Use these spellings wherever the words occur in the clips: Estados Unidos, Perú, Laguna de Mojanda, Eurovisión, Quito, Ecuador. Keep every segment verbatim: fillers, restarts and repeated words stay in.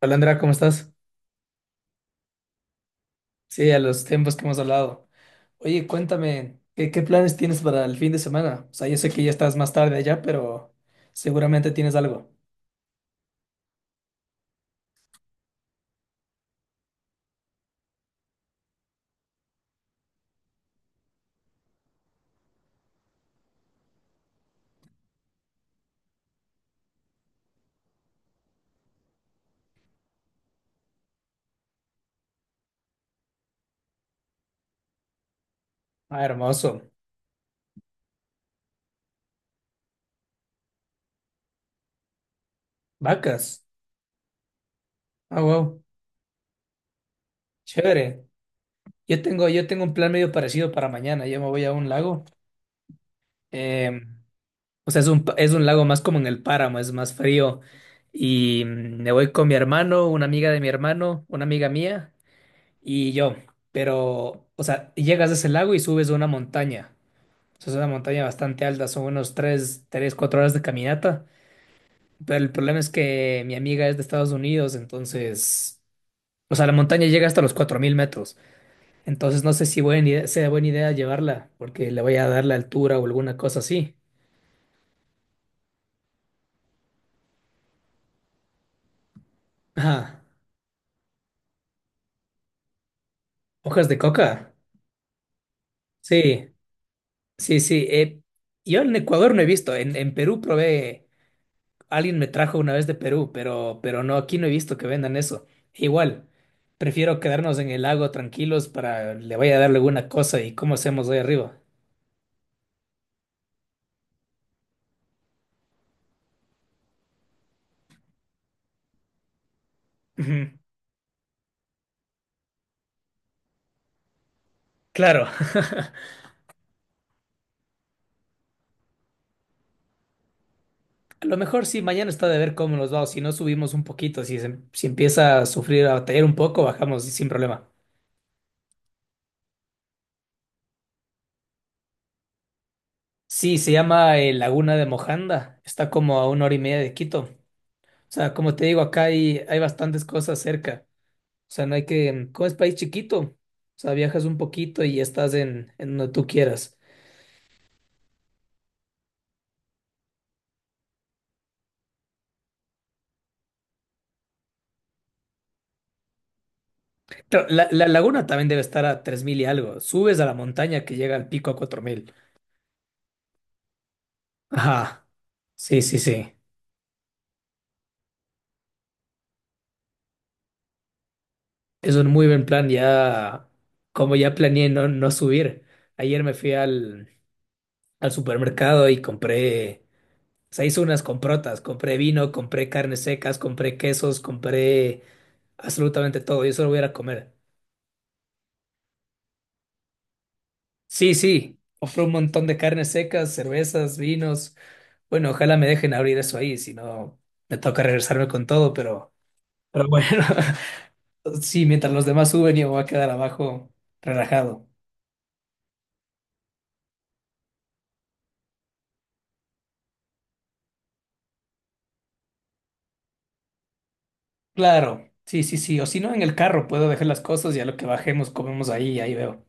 Hola Andrea, ¿cómo estás? Sí, a los tiempos que hemos hablado. Oye, cuéntame, ¿qué, qué planes tienes para el fin de semana? O sea, yo sé que ya estás más tarde allá, pero seguramente tienes algo. Ah, hermoso. Vacas. Ah, wow. Chévere. Yo tengo, yo tengo un plan medio parecido para mañana. Yo me voy a un lago. Eh, o sea, es un, pa- es un lago más como en el páramo, es más frío. Y mm, me voy con mi hermano, una amiga de mi hermano, una amiga mía y yo. Pero, o sea, llegas a ese lago y subes a una montaña. Eso es una montaña bastante alta, son unos tres, tres, cuatro horas de caminata. Pero el problema es que mi amiga es de Estados Unidos, entonces, o sea, la montaña llega hasta los cuatro mil metros. Entonces no sé si buena idea- sea buena idea llevarla, porque le voy a dar la altura o alguna cosa así. Ajá. ¿Hojas de coca? Sí, sí, sí. Eh, yo en Ecuador no he visto, en, en Perú probé. Alguien me trajo una vez de Perú, pero, pero no, aquí no he visto que vendan eso. Igual, prefiero quedarnos en el lago tranquilos para le vaya a dar alguna cosa y cómo hacemos ahí arriba. Ujú. Claro, a lo mejor sí, mañana está de ver cómo nos va, o si no subimos un poquito, si, se- si empieza a sufrir, a batallar un poco, bajamos sin problema. Sí, se llama eh, Laguna de Mojanda, está como a una hora y media de Quito. O sea, como te digo, acá hay, hay bastantes cosas cerca. O sea, no hay que, como es país chiquito, o sea, viajas un poquito y estás en, en donde tú quieras. Claro, la, la laguna también debe estar a tres mil y algo. Subes a la montaña que llega al pico a cuatro mil. Ajá, sí, sí, sí. Es un muy buen plan ya, como ya planeé no, no subir. Ayer me fui al, al supermercado y compré, o sea, hice unas comprotas. Compré vino, compré carnes secas, compré quesos, compré absolutamente todo. Yo solo voy a ir a comer. Sí, sí, ofrece un montón de carnes secas, cervezas, vinos. Bueno, ojalá me dejen abrir eso ahí, si no me toca regresarme con todo, pero, pero bueno, sí, mientras los demás suben yo me voy a quedar abajo relajado. Claro, sí, sí, sí, o si no en el carro puedo dejar las cosas y a lo que bajemos comemos ahí, ahí veo.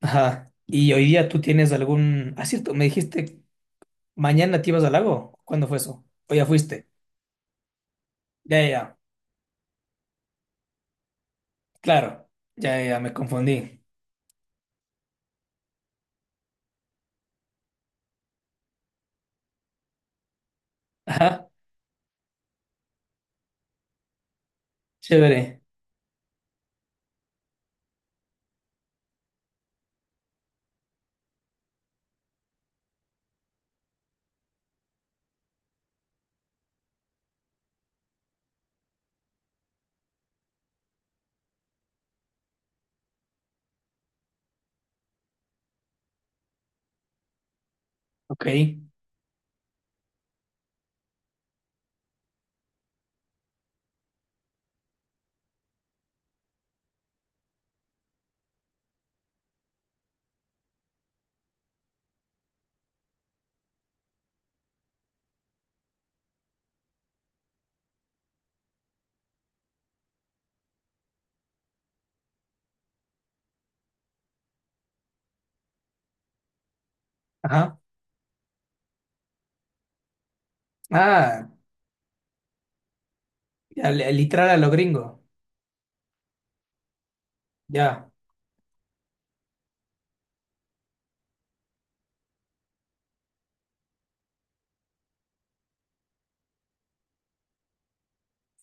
Ajá, y hoy día tú tienes algún... Ah, cierto, me dijiste, mañana te ibas al lago, ¿cuándo fue eso? ¿O ya fuiste? Ya, ya, ya, claro, ya, ya, ya, me confundí. Ajá, chévere, ok. Ajá. Ah, ya, li- literal a lo gringo. Ya.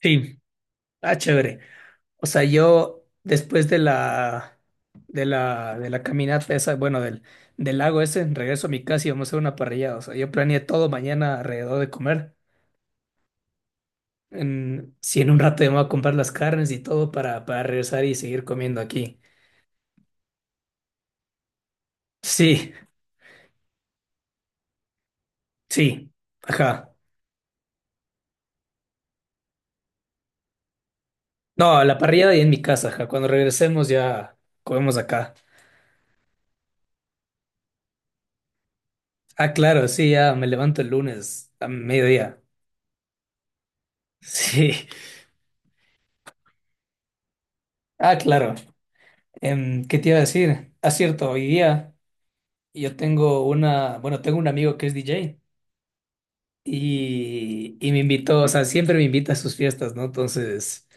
Sí, ah, chévere. O sea, yo después de la de la de la caminata esa, bueno, del del lago ese, regreso a mi casa y vamos a hacer una parrilla. O sea, yo planeé todo mañana alrededor de comer. En, si en un rato ya me voy a comprar las carnes y todo para, para regresar y seguir comiendo aquí. Sí, sí. Ajá. No, la parrilla y en mi casa, ajá. Cuando regresemos ya comemos acá. Ah, claro, sí, ya me levanto el lunes a mediodía. Sí. Ah, claro. Em, ¿qué te iba a decir? Ah, cierto, hoy día yo tengo una, bueno, tengo un amigo que es D J y, y me invitó, o sea, siempre me invita a sus fiestas, ¿no? Entonces,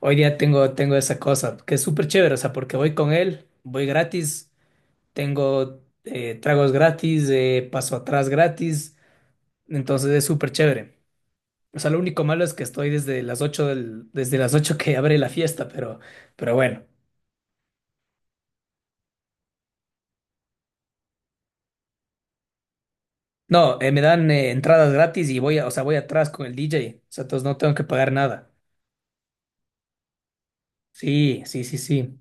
hoy día tengo, tengo esa cosa, que es súper chévere, o sea, porque voy con él, voy gratis, tengo eh, tragos gratis, eh, paso atrás gratis, entonces es súper chévere. O sea, lo único malo es que estoy desde las ocho del, desde las ocho que abre la fiesta, pero, pero bueno. No, eh, me dan eh, entradas gratis y voy, a- o sea, voy atrás con el D J. O sea, entonces no tengo que pagar nada. Sí, sí, sí, sí.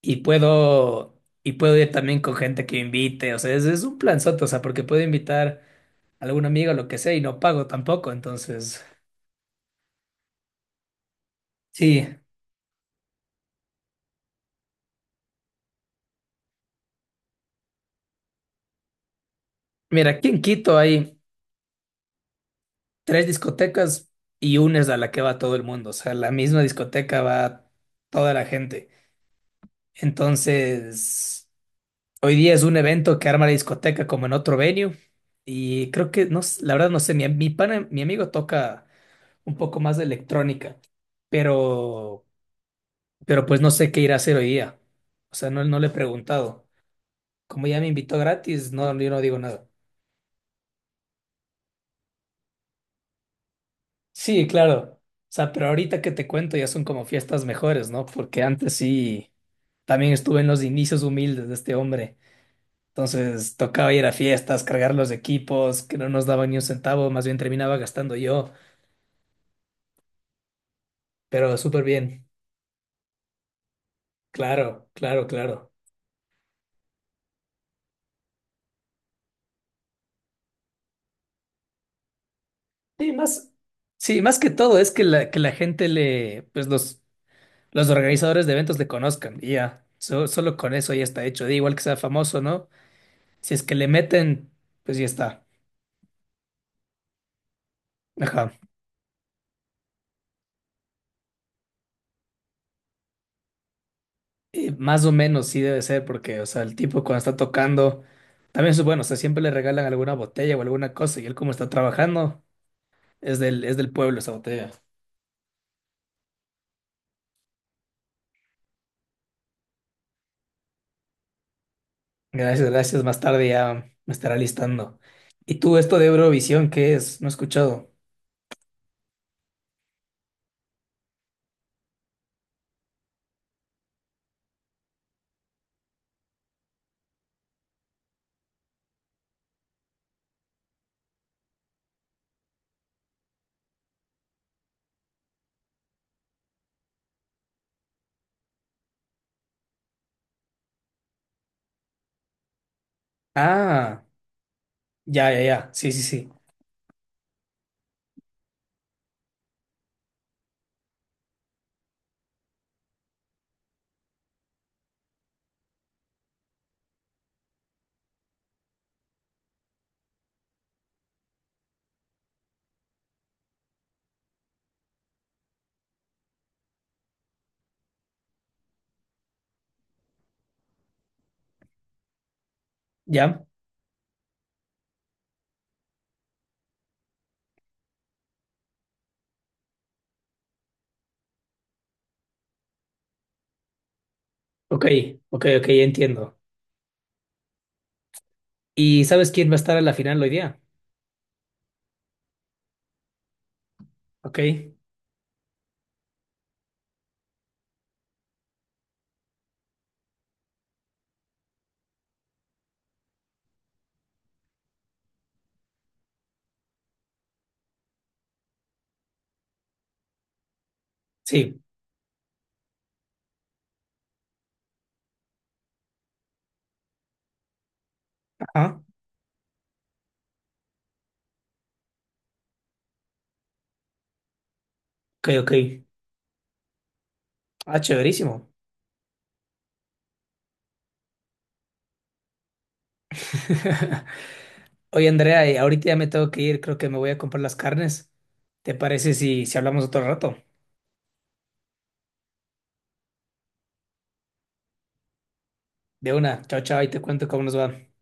Y puedo, y puedo ir también con gente que invite. O sea, es, es un planzote, o sea, porque puedo invitar a algún amigo lo que sea y no pago tampoco. Entonces, sí. Mira, aquí en Quito hay tres discotecas y una es a la que va todo el mundo. O sea, la misma discoteca va toda la gente. Entonces, hoy día es un evento que arma la discoteca como en otro venue. Y creo que, no, s- la verdad no sé, mi, mi pana, mi amigo toca un poco más de electrónica, pero, pero pues no sé qué irá a hacer hoy día. O sea, no, no le he preguntado. Como ya me invitó gratis, no, yo no digo nada. Sí, claro. O sea, pero ahorita que te cuento ya son como fiestas mejores, ¿no? Porque antes sí, también estuve en los inicios humildes de este hombre. Entonces tocaba ir a fiestas, cargar los equipos, que no nos daban ni un centavo, más bien terminaba gastando yo, pero súper bien. Claro, claro, claro. Sí, más, sí, más que todo es que la, que la gente le, pues los, los organizadores de eventos le conozcan y ya. So- solo con eso ya está hecho. Da igual que sea famoso, ¿no? Si es que le meten, pues ya está. Ajá. Y más o menos sí debe ser, porque, o sea, el tipo cuando está tocando, también es bueno, o sea, siempre le regalan alguna botella o alguna cosa y él como está trabajando. Es del, es del pueblo esa botella. Gracias, gracias. Más tarde ya me estará listando. ¿Y tú esto de Eurovisión qué es? No he escuchado. Ah, ya, ya, ya. Sí, sí, sí. Ya. Ok, ok, ok, ya entiendo. ¿Y sabes quién va a estar a la final hoy día? Ok. Sí. Ajá. Ok, ok. Ah, chéverísimo. Oye, Andrea, y ahorita ya me tengo que ir. Creo que me voy a comprar las carnes. ¿Te parece si, si hablamos otro rato? De una. Chao, chao, y te cuento cómo nos va.